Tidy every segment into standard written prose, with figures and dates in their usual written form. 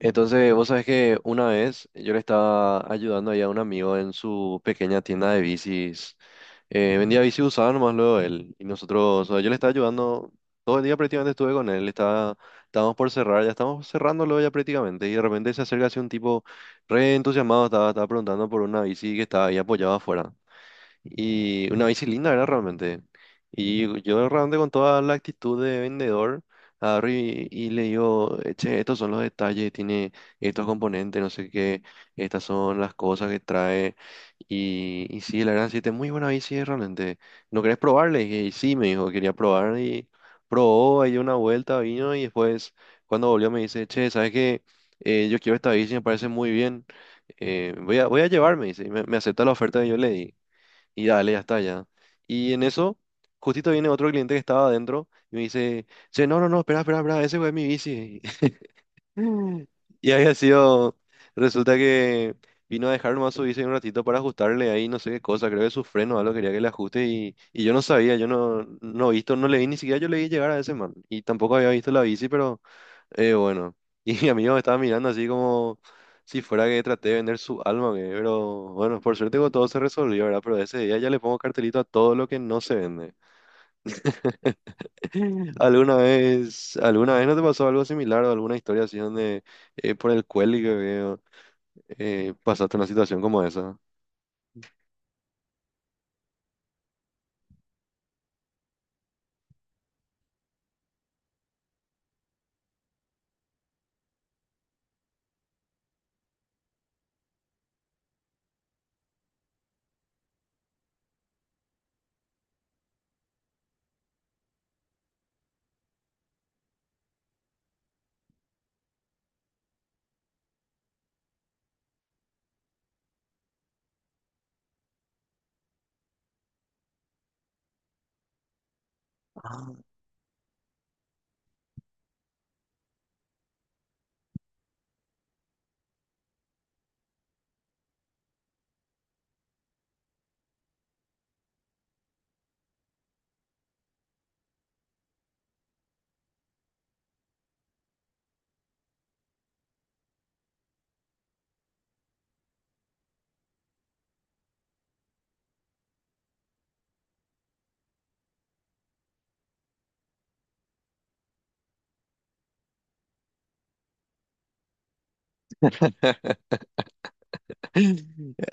Entonces, vos sabés que una vez yo le estaba ayudando ahí a un amigo en su pequeña tienda de bicis. Vendía bici usada nomás luego él. Y nosotros, o sea, yo le estaba ayudando, todo el día prácticamente estuve con él. Estábamos por cerrar, ya estábamos cerrándolo ya prácticamente. Y de repente se acerca así un tipo re entusiasmado, estaba preguntando por una bici que estaba ahí apoyada afuera. Y una bici linda era realmente. Y yo realmente con toda la actitud de vendedor, agarro y le digo, che, estos son los detalles, tiene estos componentes, no sé qué, estas son las cosas que trae. Y sí, la verdad, sí, es muy buena bici realmente. ¿No querés probarle? Y dije, "Y sí, me dijo, quería probar y probó, ahí dio una vuelta, vino y después cuando volvió me dice, che, ¿sabes qué? Yo quiero esta bici, me parece muy bien. Voy a llevarme, dice, y me acepta la oferta que yo le di. Y dale, ya está, ya. Y en eso, justito viene otro cliente que estaba adentro y me dice, che, no, no, no, espera, espera, espera, ese güey es mi bici. Y había sido, resulta que vino a dejar nomás su bici un ratito para ajustarle ahí no sé qué cosa, creo que su freno o algo quería que le ajuste y yo no sabía, yo no, no visto, no le vi ni siquiera yo le vi llegar a ese man y tampoco había visto la bici, pero bueno, y mi amigo me estaba mirando así como si fuera que traté de vender su alma, que, pero bueno, por suerte con todo se resolvió, ¿verdad? Pero ese día ya le pongo cartelito a todo lo que no se vende. ¿Alguna vez no te pasó algo similar o alguna historia así donde por el cuelgue que veo pasaste una situación como esa? Ah.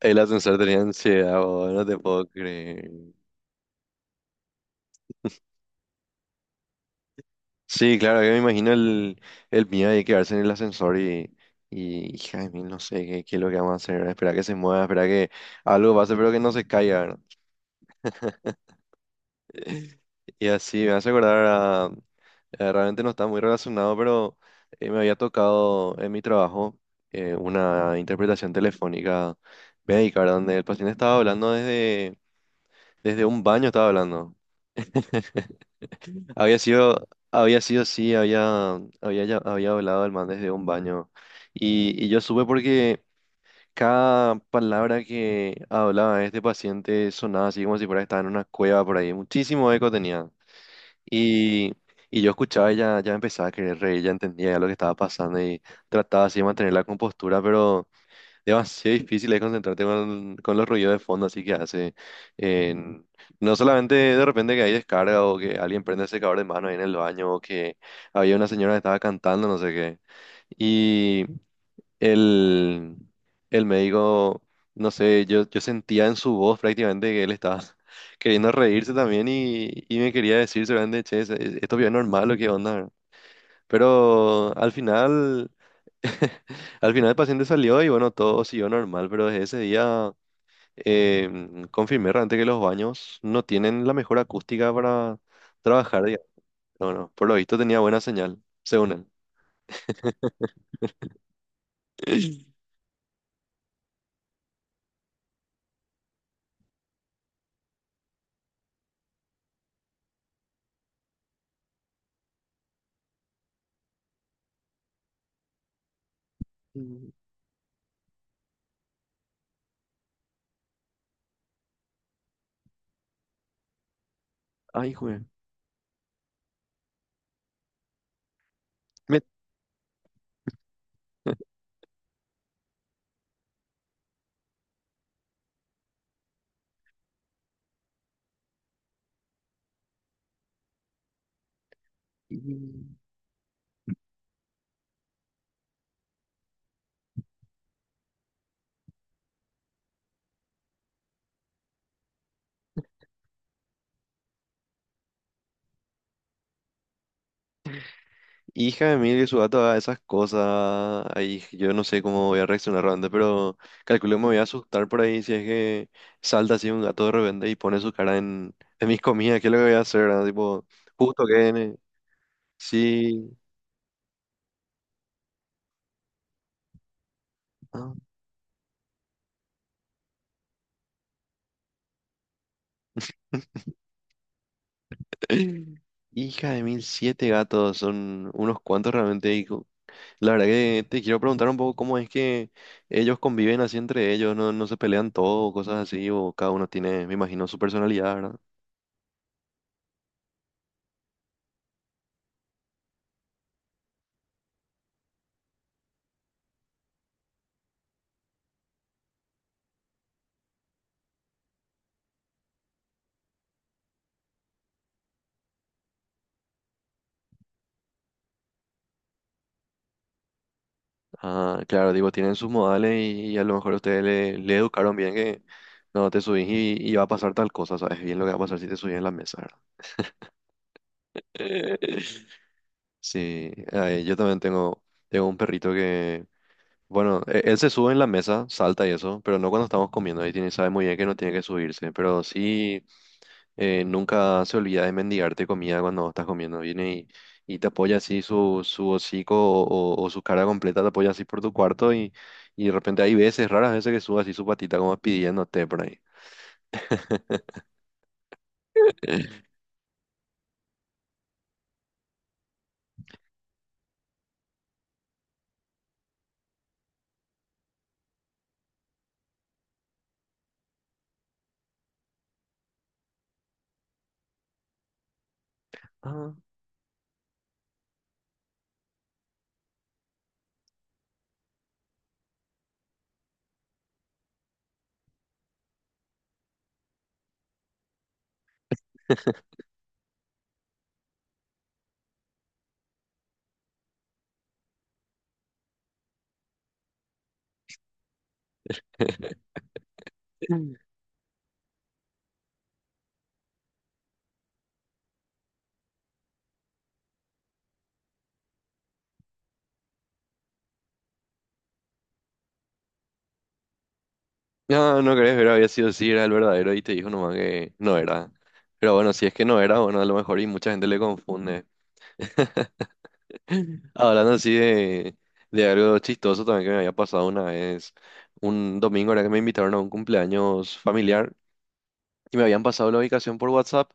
El ascensor tenía ansiedad, bo, no te puedo creer. Sí, claro, yo me imagino el miedo de quedarse en el ascensor y hija de mil, no sé qué, qué es lo que vamos a hacer, esperar que se mueva, esperar que algo pase, pero que no se caiga, ¿verdad? Y así me hace acordar. Realmente no está muy relacionado, pero me había tocado en mi trabajo una interpretación telefónica médica, ¿verdad? Donde el paciente estaba hablando desde un baño, estaba hablando. Había sido, sí, había hablado el man desde un baño. Y yo supe porque cada palabra que hablaba este paciente sonaba así como si fuera que estaba en una cueva por ahí. Muchísimo eco tenía. Y, y yo escuchaba y ya empezaba a querer reír, ya entendía ya lo que estaba pasando y trataba así de mantener la compostura, pero demasiado difícil es concentrarte con los ruidos de fondo, así que hace. en- no solamente de repente que hay descarga o que alguien prende el secador de mano ahí en el baño o que había una señora que estaba cantando, no sé qué. El, el médico, no sé, yo sentía en su voz prácticamente que él estaba queriendo reírse también y me quería decir seguramente, che, esto es normal o qué onda. Pero al final, al final el paciente salió y bueno, todo siguió normal, pero desde ese día confirmé realmente que los baños no tienen la mejor acústica para trabajar, digamos. No, no, por lo visto tenía buena señal, según él. Ay, joder. Hija de mil que su gato haga esas cosas, ahí yo no sé cómo voy a reaccionar realmente, pero calculo que me voy a asustar por ahí si es que salta así un gato de repente y pone su cara en mis comidas, ¿qué es lo que voy a hacer, verdad? Tipo, justo que viene, sí. Ah. Hija de mil, siete gatos, son unos cuantos realmente. Y la verdad que te quiero preguntar un poco cómo es que ellos conviven así entre ellos, no, no se pelean todo, cosas así, o cada uno tiene, me imagino, su personalidad, ¿verdad? Ah, claro, digo, tienen sus modales y a lo mejor ustedes le educaron bien que no te subís y va a pasar tal cosa, ¿sabes? Bien lo que va a pasar si te subís en la mesa, ¿verdad? Sí, ay, yo también tengo un perrito que, bueno, él se sube en la mesa, salta y eso, pero no cuando estamos comiendo, ahí tiene, sabe muy bien que no tiene que subirse, pero sí. Nunca se olvida de mendigarte comida cuando vos estás comiendo. Viene y te apoya así su hocico o su cara completa, te apoya así por tu cuarto y de repente hay veces, raras veces que sube así su patita como pidiéndote por ahí. Ah. No, no crees, pero había sido sí era el verdadero y te dijo nomás que no era. Pero bueno, si es que no era, bueno, a lo mejor y mucha gente le confunde. Hablando así de algo chistoso también que me había pasado una vez, un domingo era que me invitaron a un cumpleaños familiar y me habían pasado la ubicación por WhatsApp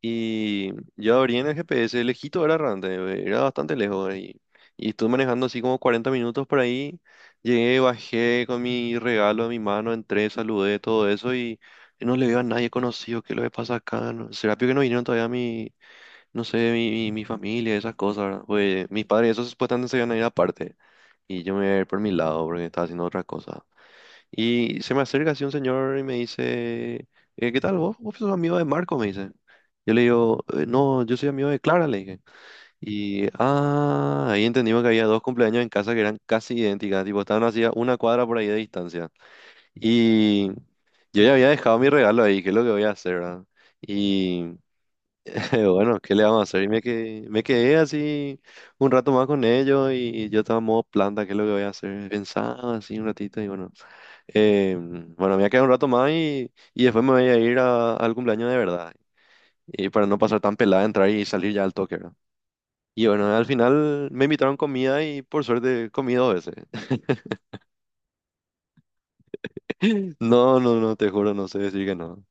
y yo abrí en el GPS, lejito era realmente, era bastante lejos y estuve manejando así como 40 minutos por ahí, llegué, bajé con mi regalo en mi mano, entré, saludé, todo eso y no le veo a nadie conocido, ¿qué es lo que pasa acá? ¿Será que no vinieron todavía no sé, mi familia, esas cosas, ¿verdad? Pues mis padres, esos supuestamente se iban a ir aparte y yo me voy a ir por mi lado porque estaba haciendo otra cosa. Y se me acerca así un señor y me dice, ¿qué tal vos? ¿Vos sos amigo de Marco? Me dice. Yo le digo, "No, yo soy amigo de Clara, le dije. Y, ah, ahí entendimos que había dos cumpleaños en casa que eran casi idénticas, tipo, estaban así a una cuadra por ahí de distancia. Y yo ya había dejado mi regalo ahí, ¿qué es lo que voy a hacer, verdad? Y bueno, ¿qué le vamos a hacer? Y me quedé así un rato más con ellos y yo estaba en modo planta, ¿qué es lo que voy a hacer? Pensaba así un ratito y bueno. Bueno, me voy a quedar un rato más y después me voy a ir al cumpleaños de verdad. Y para no pasar tan pelada, entrar y salir ya al toque, ¿verdad? Y bueno, al final me invitaron comida y por suerte comí dos veces. No, no, no, te juro, no sé decir que no.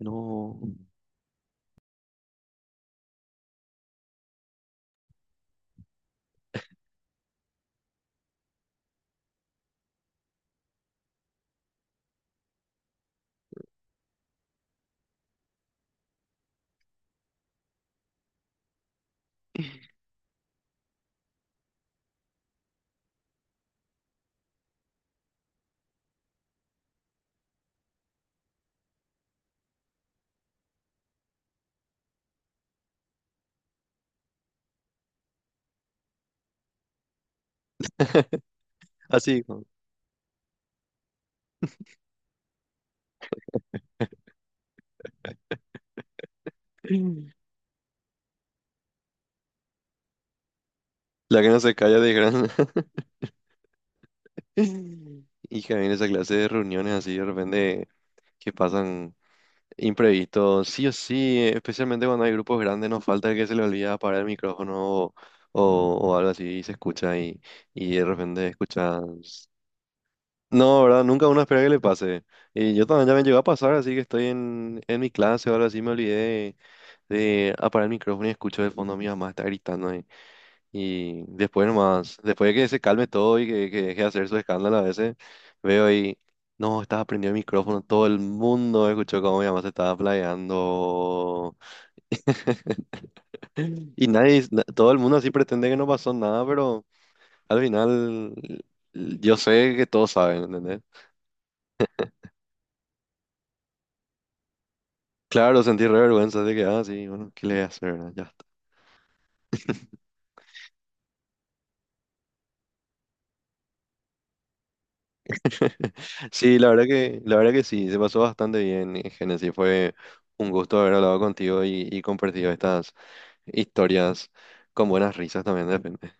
No. Así, ¿no? La que no se calla de gran. Hija, viene esa clase de reuniones así de repente que pasan. Imprevisto, sí o sí, especialmente cuando hay grupos grandes, nos falta el que se le olvida apagar el micrófono o, o algo así y se escucha y de repente escuchas. No, ¿verdad? Nunca uno espera que le pase. Y yo también ya me llegó a pasar, así que estoy en mi clase o algo así, me olvidé de, de apagar el micrófono y escucho de fondo a mi mamá está gritando. Y después nomás, después de que se calme todo y que deje de hacer su escándalo a veces, veo y, no, estaba prendido el micrófono, todo el mundo escuchó cómo mi mamá se estaba playando. Y nadie, todo el mundo así pretende que no pasó nada, pero al final yo sé que todos saben, ¿entendés? Claro, sentí re vergüenza de que, ah, sí, bueno, ¿qué le voy a hacer, verdad? Ya está. Sí, la verdad que sí, se pasó bastante bien, Génesis. Fue un gusto haber hablado contigo y compartido estas Historias con buenas risas también depende.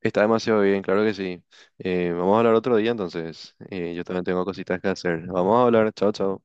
Está demasiado bien, claro que sí. Vamos a hablar otro día entonces. Yo también tengo cositas que hacer. Vamos a hablar, chao, chao.